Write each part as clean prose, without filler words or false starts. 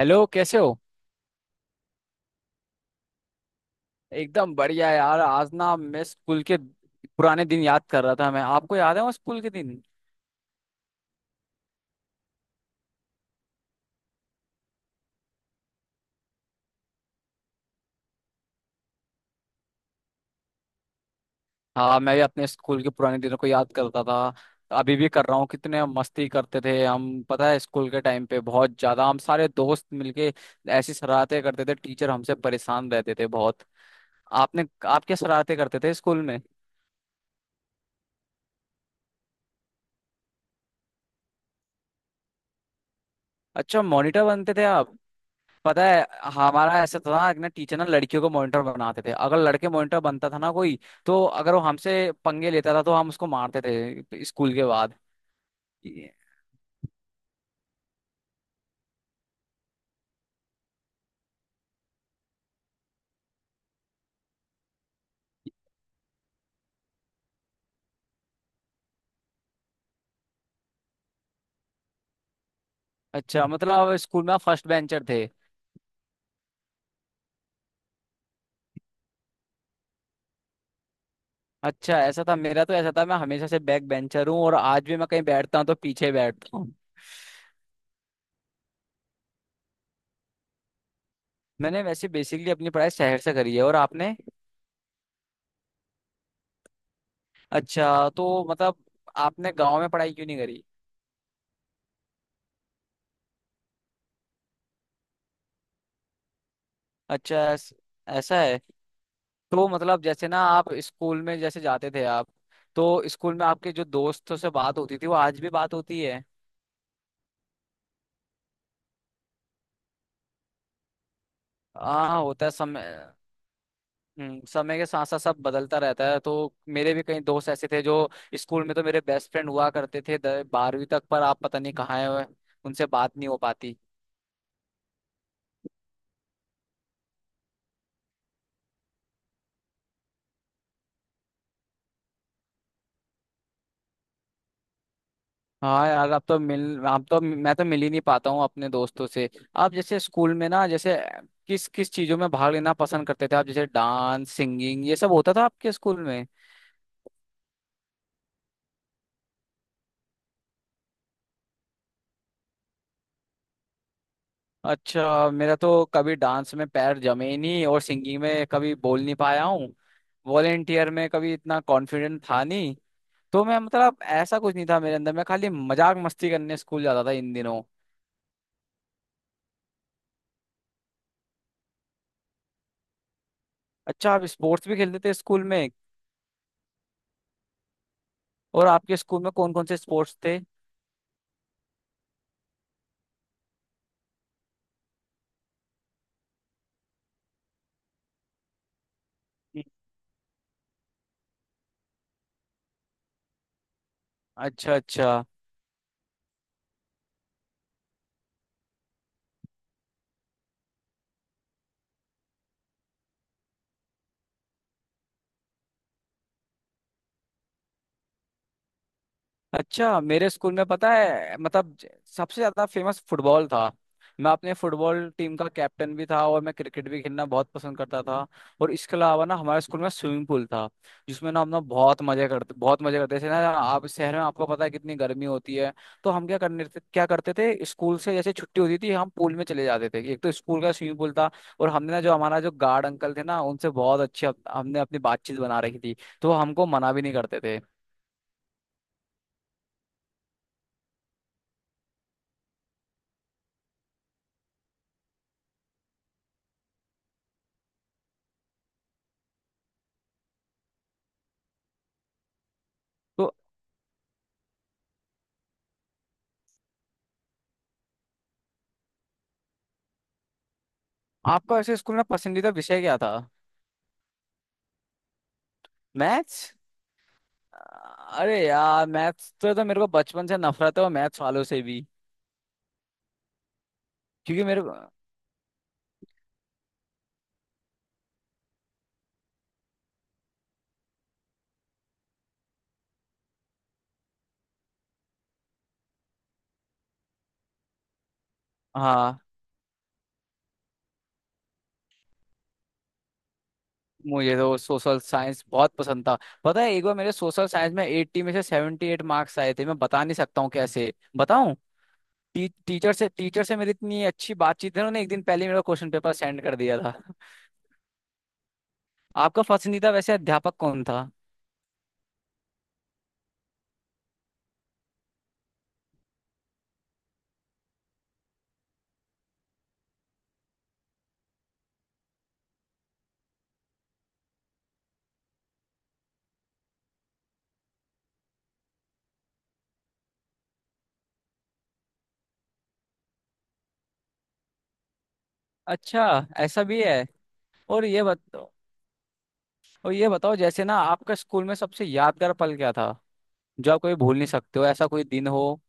Hello, कैसे हो। एकदम बढ़िया यार। आज ना मैं स्कूल के पुराने दिन याद कर रहा था। मैं आपको याद है वो स्कूल के दिन। हाँ, मैं भी अपने स्कूल के पुराने दिनों को याद करता था। अभी भी कर रहा हूँ। कितने हम मस्ती करते थे हम। पता है स्कूल के टाइम पे बहुत ज्यादा हम सारे दोस्त मिलके ऐसी शरारतें करते थे, टीचर हमसे परेशान रहते थे बहुत। आपने आप क्या शरारतें करते थे स्कूल में। अच्छा, मॉनिटर बनते थे। पता है हमारा ऐसा था ना ना टीचर ना लड़कियों को मॉनिटर बनाते थे। अगर लड़के मॉनिटर बनता था ना कोई, तो अगर वो हमसे पंगे लेता था तो हम उसको मारते थे स्कूल के बाद। ये- अच्छा मतलब स्कूल में आप फर्स्ट बेंचर थे। अच्छा, ऐसा था। मेरा तो ऐसा था, मैं हमेशा से बैक बेंचर हूँ और आज भी मैं कहीं बैठता हूँ तो पीछे बैठता हूँ। मैंने वैसे बेसिकली अपनी पढ़ाई शहर से करी है, और आपने। अच्छा तो मतलब आपने गांव में पढ़ाई क्यों नहीं करी। अच्छा ऐस- ऐसा है। तो मतलब जैसे ना आप स्कूल में जैसे जाते थे आप, तो स्कूल में आपके जो दोस्तों से बात होती थी वो आज भी बात होती है। हाँ होता है समय। समय के साथ साथ सब बदलता रहता है। तो मेरे भी कई दोस्त ऐसे थे जो स्कूल में तो मेरे बेस्ट फ्रेंड हुआ करते थे बारहवीं तक, पर आप पता नहीं कहाँ है। उनसे बात नहीं हो पाती। हाँ यार, अब तो मैं तो मिल ही नहीं पाता हूँ अपने दोस्तों से। आप जैसे स्कूल में ना जैसे किस किस चीजों में भाग लेना पसंद करते थे आप, जैसे डांस सिंगिंग ये सब होता था आपके स्कूल में। अच्छा, मेरा तो कभी डांस में पैर जमे ही नहीं और सिंगिंग में कभी बोल नहीं पाया हूँ। वॉलेंटियर में कभी इतना कॉन्फिडेंट था नहीं। तो मैं मतलब ऐसा कुछ नहीं था मेरे अंदर, मैं खाली मजाक मस्ती करने स्कूल जाता था इन दिनों। अच्छा, आप स्पोर्ट्स भी खेलते थे स्कूल में। और आपके स्कूल में कौन कौन से स्पोर्ट्स थे। अच्छा अच्छा। अच्छा मेरे स्कूल में पता है मतलब सबसे ज्यादा फेमस फुटबॉल था। मैं अपने फुटबॉल टीम का कैप्टन भी था और मैं क्रिकेट भी खेलना बहुत पसंद करता था। और इसके अलावा ना हमारे स्कूल में स्विमिंग पूल था, जिसमें ना हम ना बहुत मजे करते थे ना। आप शहर में आपको पता है कितनी गर्मी होती है। तो हम क्या करते थे, स्कूल से जैसे छुट्टी होती थी हम पूल में चले जाते थे। एक तो स्कूल का स्विमिंग पूल था और हमने ना जो हमारा जो गार्ड अंकल थे ना उनसे बहुत अच्छे हमने अपनी बातचीत बना रखी थी। तो वो हमको मना भी नहीं करते थे। तो आपका ऐसे स्कूल में पसंदीदा विषय क्या था। मैथ्स। अरे यार, मैथ्स तो मेरे को बचपन से नफरत है, और मैथ्स वालों से भी। क्योंकि मेरे को, हाँ मुझे तो सोशल साइंस बहुत पसंद था। पता है एक बार मेरे सोशल साइंस में 80 में से 78 मार्क्स आए थे, मैं बता नहीं सकता हूँ कैसे बताऊँ। टीचर से मेरी इतनी अच्छी बातचीत है, उन्होंने एक दिन पहले ही मेरा क्वेश्चन पेपर सेंड कर दिया था। आपका पसंदीदा वैसे अध्यापक कौन था। अच्छा, ऐसा भी है। और ये बत और ये बताओ जैसे ना आपका स्कूल में सबसे यादगार पल क्या था, जो आप कभी भूल नहीं सकते हो, ऐसा कोई दिन हो।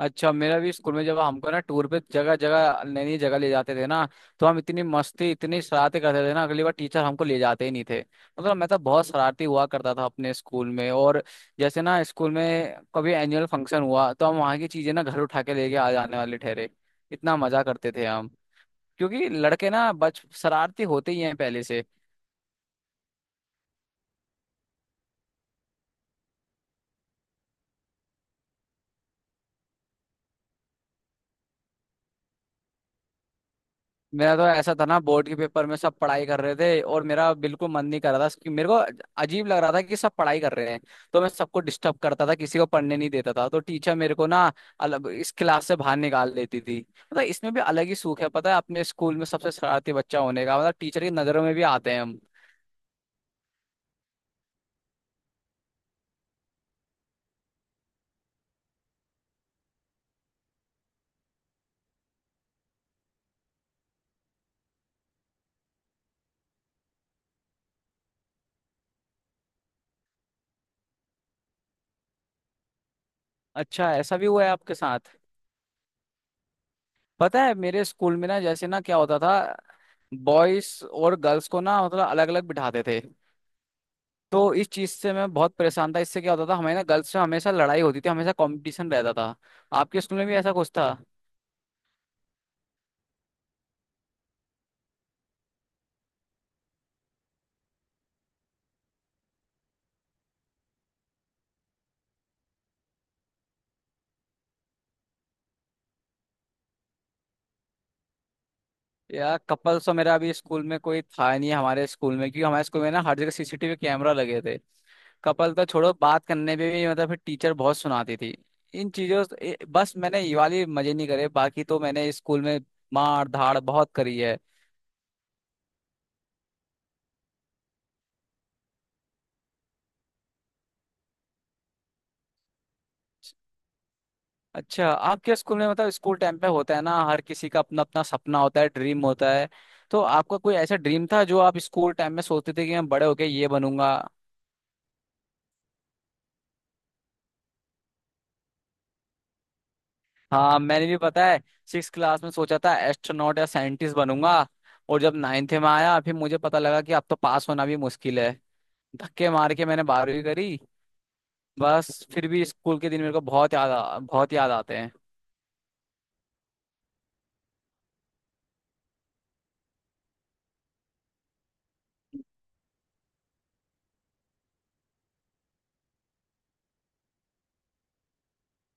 अच्छा मेरा भी स्कूल में जब हमको ना टूर पे जगह जगह नई नई जगह ले जाते थे ना, तो हम इतनी मस्ती इतनी शरारतें करते थे ना अगली बार टीचर हमको ले जाते ही नहीं थे। मतलब मैं तो बहुत शरारती हुआ करता था अपने स्कूल में। और जैसे ना स्कूल में कभी एनुअल फंक्शन हुआ, तो हम वहाँ की चीजें ना घर उठा के लेके आ जाने वाले ठहरे। इतना मजा करते थे हम, क्योंकि लड़के ना बच शरारती होते ही हैं पहले से। मेरा तो ऐसा था ना बोर्ड के पेपर में सब पढ़ाई कर रहे थे और मेरा बिल्कुल मन नहीं कर रहा था कि मेरे को, अजीब लग रहा था कि सब पढ़ाई कर रहे हैं। तो मैं सबको डिस्टर्ब करता था, किसी को पढ़ने नहीं देता था, तो टीचर मेरे को ना अलग इस क्लास से बाहर निकाल देती थी। मतलब इसमें भी अलग ही सूख है। पता है अपने स्कूल में सबसे शरारती बच्चा होने का मतलब टीचर की नजरों में भी आते हैं हम। अच्छा ऐसा भी हुआ है आपके साथ। पता है मेरे स्कूल में ना जैसे ना क्या होता था, बॉयज और गर्ल्स को ना मतलब अलग अलग बिठाते थे। तो इस चीज से मैं बहुत परेशान था, इससे क्या होता था हमारे ना गर्ल्स में हमेशा लड़ाई होती थी, हमेशा कंपटीशन रहता था। आपके स्कूल में भी ऐसा कुछ था। यार कपल्स तो मेरा अभी स्कूल में कोई था नहीं, हमारे स्कूल में क्योंकि हमारे स्कूल में ना हर जगह सीसीटीवी कैमरा लगे थे। कपल तो छोड़ो, बात करने पे भी मतलब फिर टीचर बहुत सुनाती थी। इन चीजों से- ए- बस मैंने ये वाली मजे नहीं करे, बाकी तो मैंने स्कूल में मार धाड़ बहुत करी है। अच्छा, आपके स्कूल में मतलब स्कूल टाइम पे होता है ना हर किसी का अपना अपना सपना होता है, ड्रीम होता है। तो आपका कोई ऐसा ड्रीम था जो आप स्कूल टाइम में सोचते थे कि मैं बड़े होके ये बनूंगा। हाँ मैंने भी, पता है सिक्स क्लास में सोचा था एस्ट्रोनॉट या साइंटिस्ट बनूंगा। और जब नाइन्थ में आया फिर मुझे पता लगा कि अब तो पास होना भी मुश्किल है। धक्के मार के मैंने बारहवीं करी। बस फिर भी स्कूल के दिन मेरे को बहुत याद आते हैं।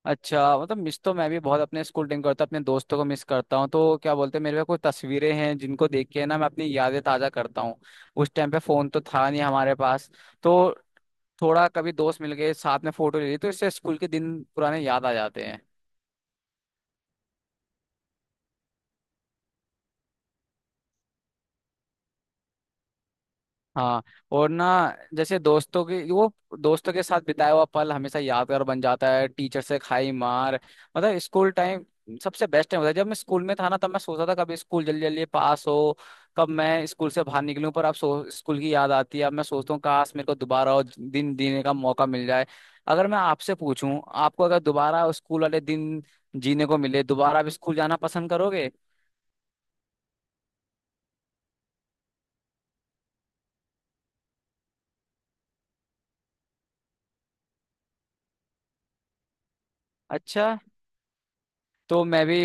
अच्छा मतलब मिस तो मैं भी बहुत अपने स्कूल टाइम करता, अपने दोस्तों को मिस करता हूँ। तो क्या बोलते हैं मेरे पे कुछ तस्वीरें हैं जिनको देख के ना मैं अपनी यादें ताजा करता हूँ। उस टाइम पे फोन तो था नहीं हमारे पास। तो थोड़ा कभी दोस्त मिल गए साथ में फोटो ले ली, तो इससे स्कूल के दिन पुराने याद आ जाते हैं। हाँ, और ना जैसे दोस्तों के साथ बिताया हुआ पल हमेशा यादगार बन जाता है, टीचर से खाई मार। मतलब स्कूल टाइम सबसे बेस्ट टाइम होता है। जब मैं स्कूल में था ना तब मैं सोचता था कब स्कूल जल्दी जल्दी पास हो, कब मैं स्कूल से बाहर निकलूं, पर अब सो स्कूल की याद आती है। अब मैं सोचता हूँ काश मेरे को दोबारा वो दिन जीने का मौका मिल जाए। अगर मैं आपसे पूछूं, आपको अगर दोबारा स्कूल वाले दिन जीने को मिले, दोबारा आप स्कूल जाना पसंद करोगे। अच्छा, तो मैं भी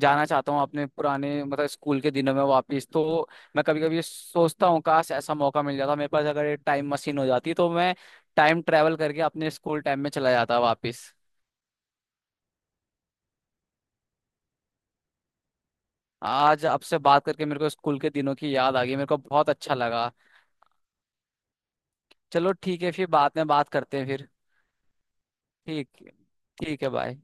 जाना चाहता हूँ अपने पुराने मतलब स्कूल के दिनों में वापस। तो मैं कभी कभी सोचता हूँ काश ऐसा मौका मिल जाता मेरे पास। अगर टाइम मशीन हो जाती तो मैं टाइम ट्रैवल करके अपने स्कूल टाइम में चला जाता वापस। आज आपसे बात करके मेरे को स्कूल के दिनों की याद आ गई, मेरे को बहुत अच्छा लगा। चलो ठीक है फिर, बाद में बात करते हैं फिर। ठीक, ठीक है बाय।